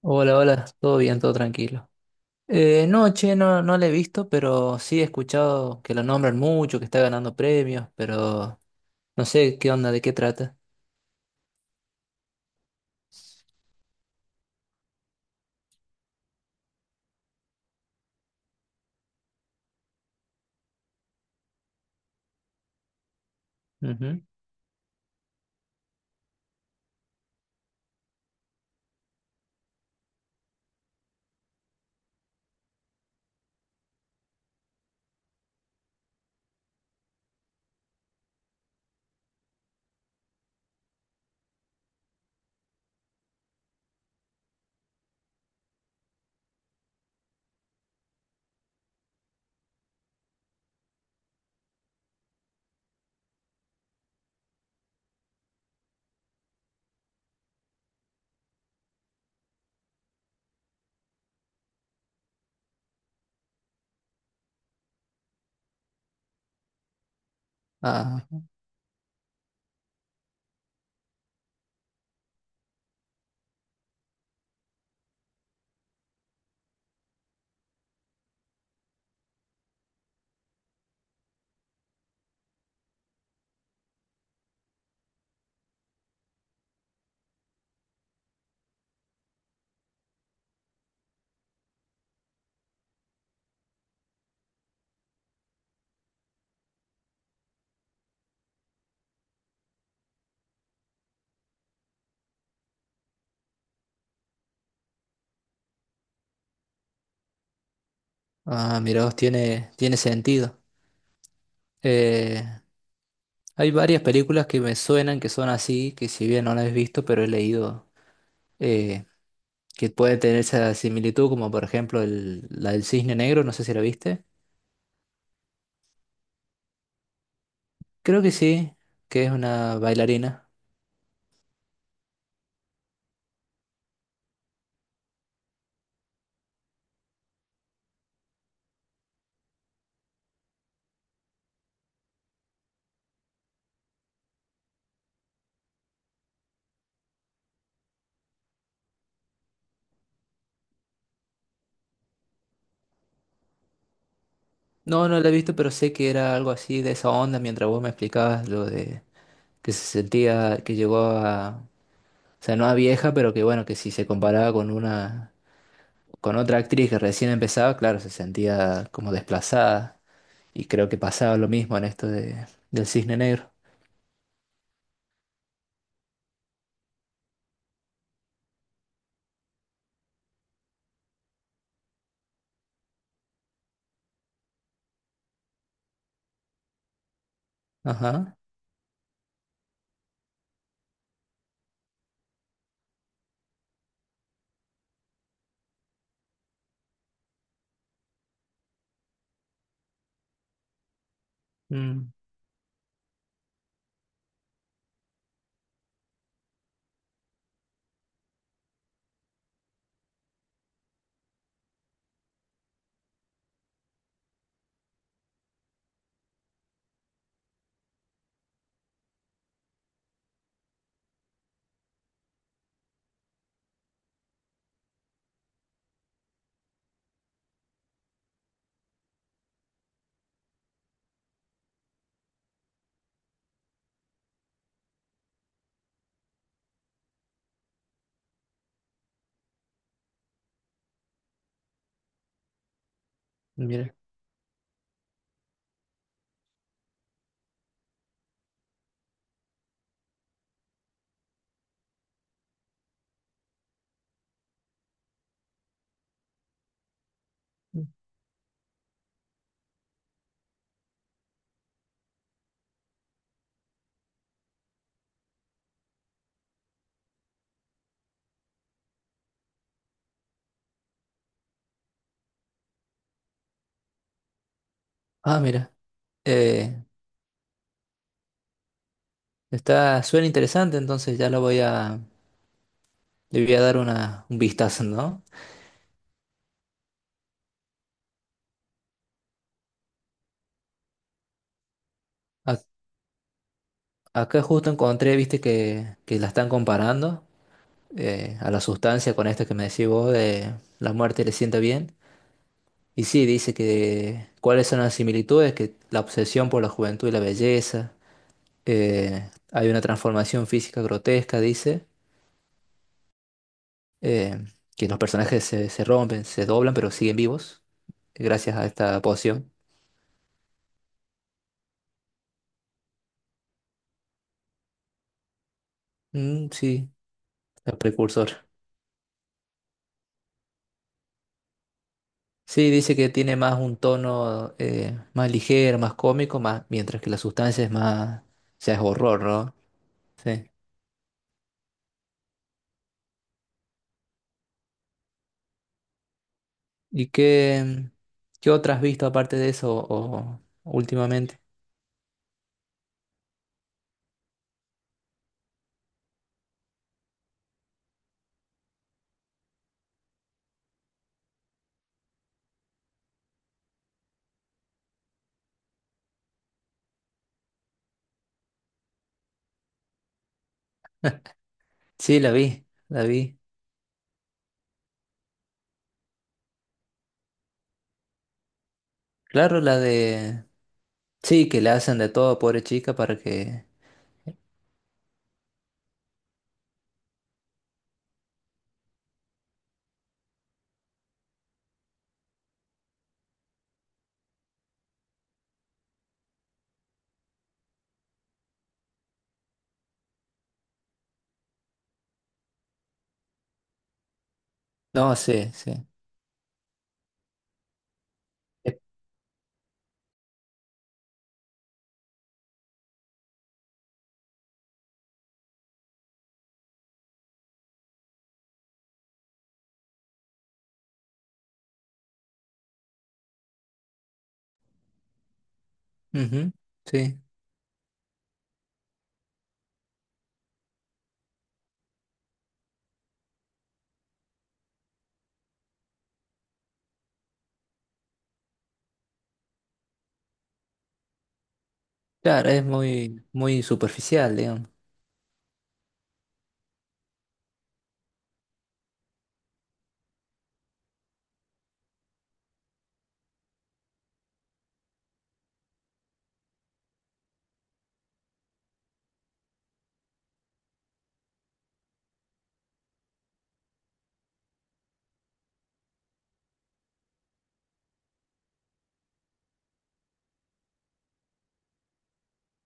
Hola, hola, todo bien, todo tranquilo. No, che, no la he visto, pero sí he escuchado que lo nombran mucho, que está ganando premios, pero no sé qué onda, de qué trata. Ujú. Ah, Mira, vos, tiene sentido. Eh, Hay varias películas que me suenan que son así, que si bien no las he visto, pero he leído eh, que puede tener esa similitud, como por ejemplo la del Cisne Negro, no sé si la viste. Creo que sí, que es una bailarina. No, no la he visto, pero sé que era algo así de esa onda mientras vos me explicabas lo de que se sentía, que llegó a, o sea, no a vieja, pero que bueno, que si se comparaba con una, con otra actriz que recién empezaba, claro, se sentía como desplazada. Y creo que pasaba lo mismo en esto de, del Cisne Negro. Ajá. Mm, mira. Ah, mira. Eh, Suena interesante, entonces ya le voy a dar un vistazo, ¿no? Ac- Acá justo encontré, viste, que la están comparando a la sustancia con esto que me decís vos de La muerte le sienta bien. Y sí, dice que cuáles son las similitudes, que la obsesión por la juventud y la belleza, hay una transformación física grotesca, dice, eh, que los personajes se rompen, se doblan, pero siguen vivos gracias a esta poción. Mm, sí, el precursor. Sí, dice que tiene más un tono más ligero, más cómico, más, mientras que la sustancia es más, ya es horror, ¿no? Sí. ¿Y qué otras has visto aparte de eso o últimamente? Sí, la vi, la vi. Claro, la de... Sí, que le hacen de todo, pobre chica, para que... No, sí, sí. Eh, ujú, sí, claro, es muy, muy superficial, digamos.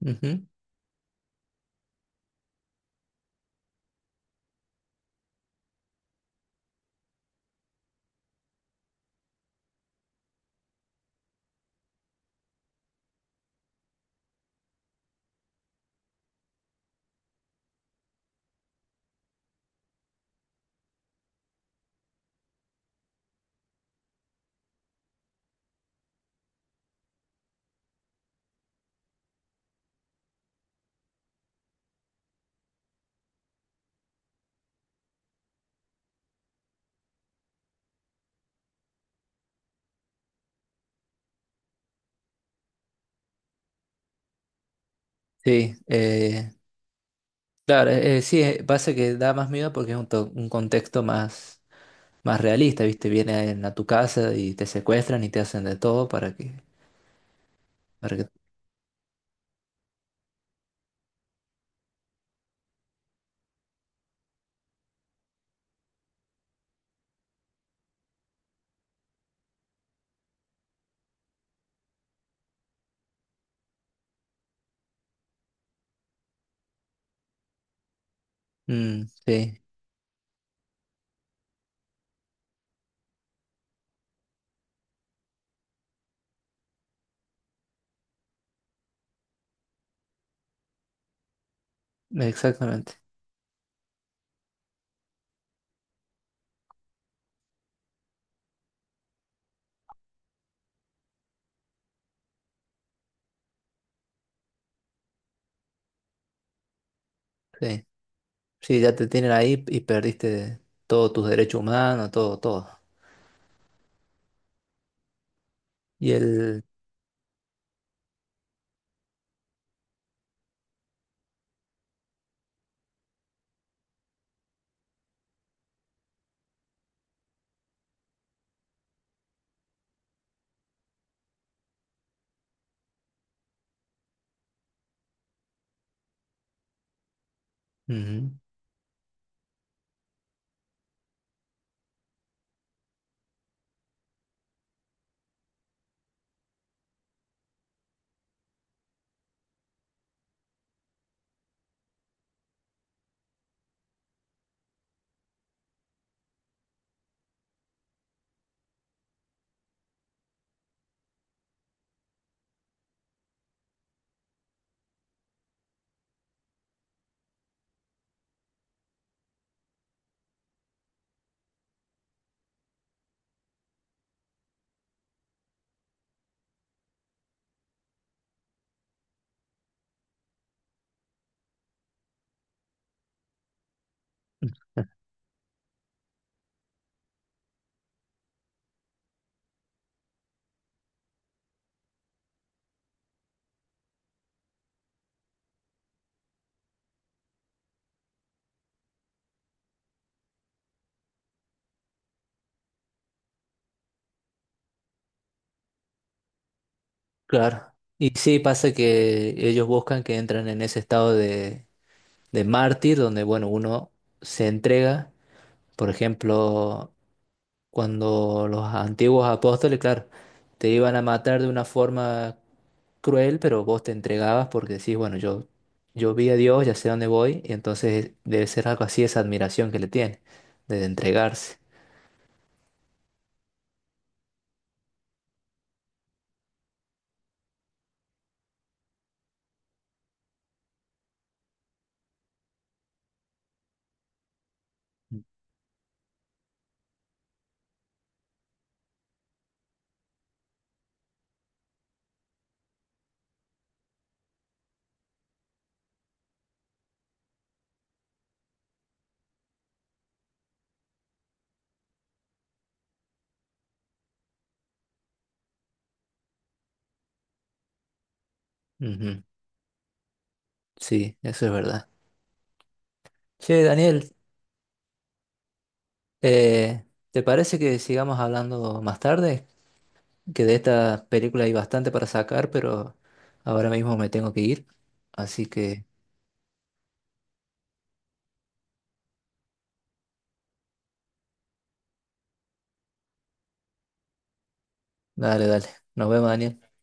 Ujú. Sí, claro, sí, pasa que da más miedo porque es un contexto más, más realista, ¿viste? Vienen a tu casa y te secuestran y te hacen de todo para que... Para que... Mm, sí, exactamente. Sí, sí, ya te tienen ahí y perdiste todos tus derechos humanos, todo, todo. Y el... ujú. Claro. Y sí, pasa que ellos buscan que entran en ese estado de mártir, donde, bueno, uno se entrega. Por ejemplo, cuando los antiguos apóstoles, claro, te iban a matar de una forma cruel, pero vos te entregabas porque decís, bueno, yo vi a Dios, ya sé dónde voy, y entonces debe ser algo así, esa admiración que le tiene, de entregarse. Ujú. Sí, eso es verdad. Che, Daniel, eh, ¿te parece que sigamos hablando más tarde? Que de esta película hay bastante para sacar, pero ahora mismo me tengo que ir. Así que, dale, dale. Nos vemos, Daniel.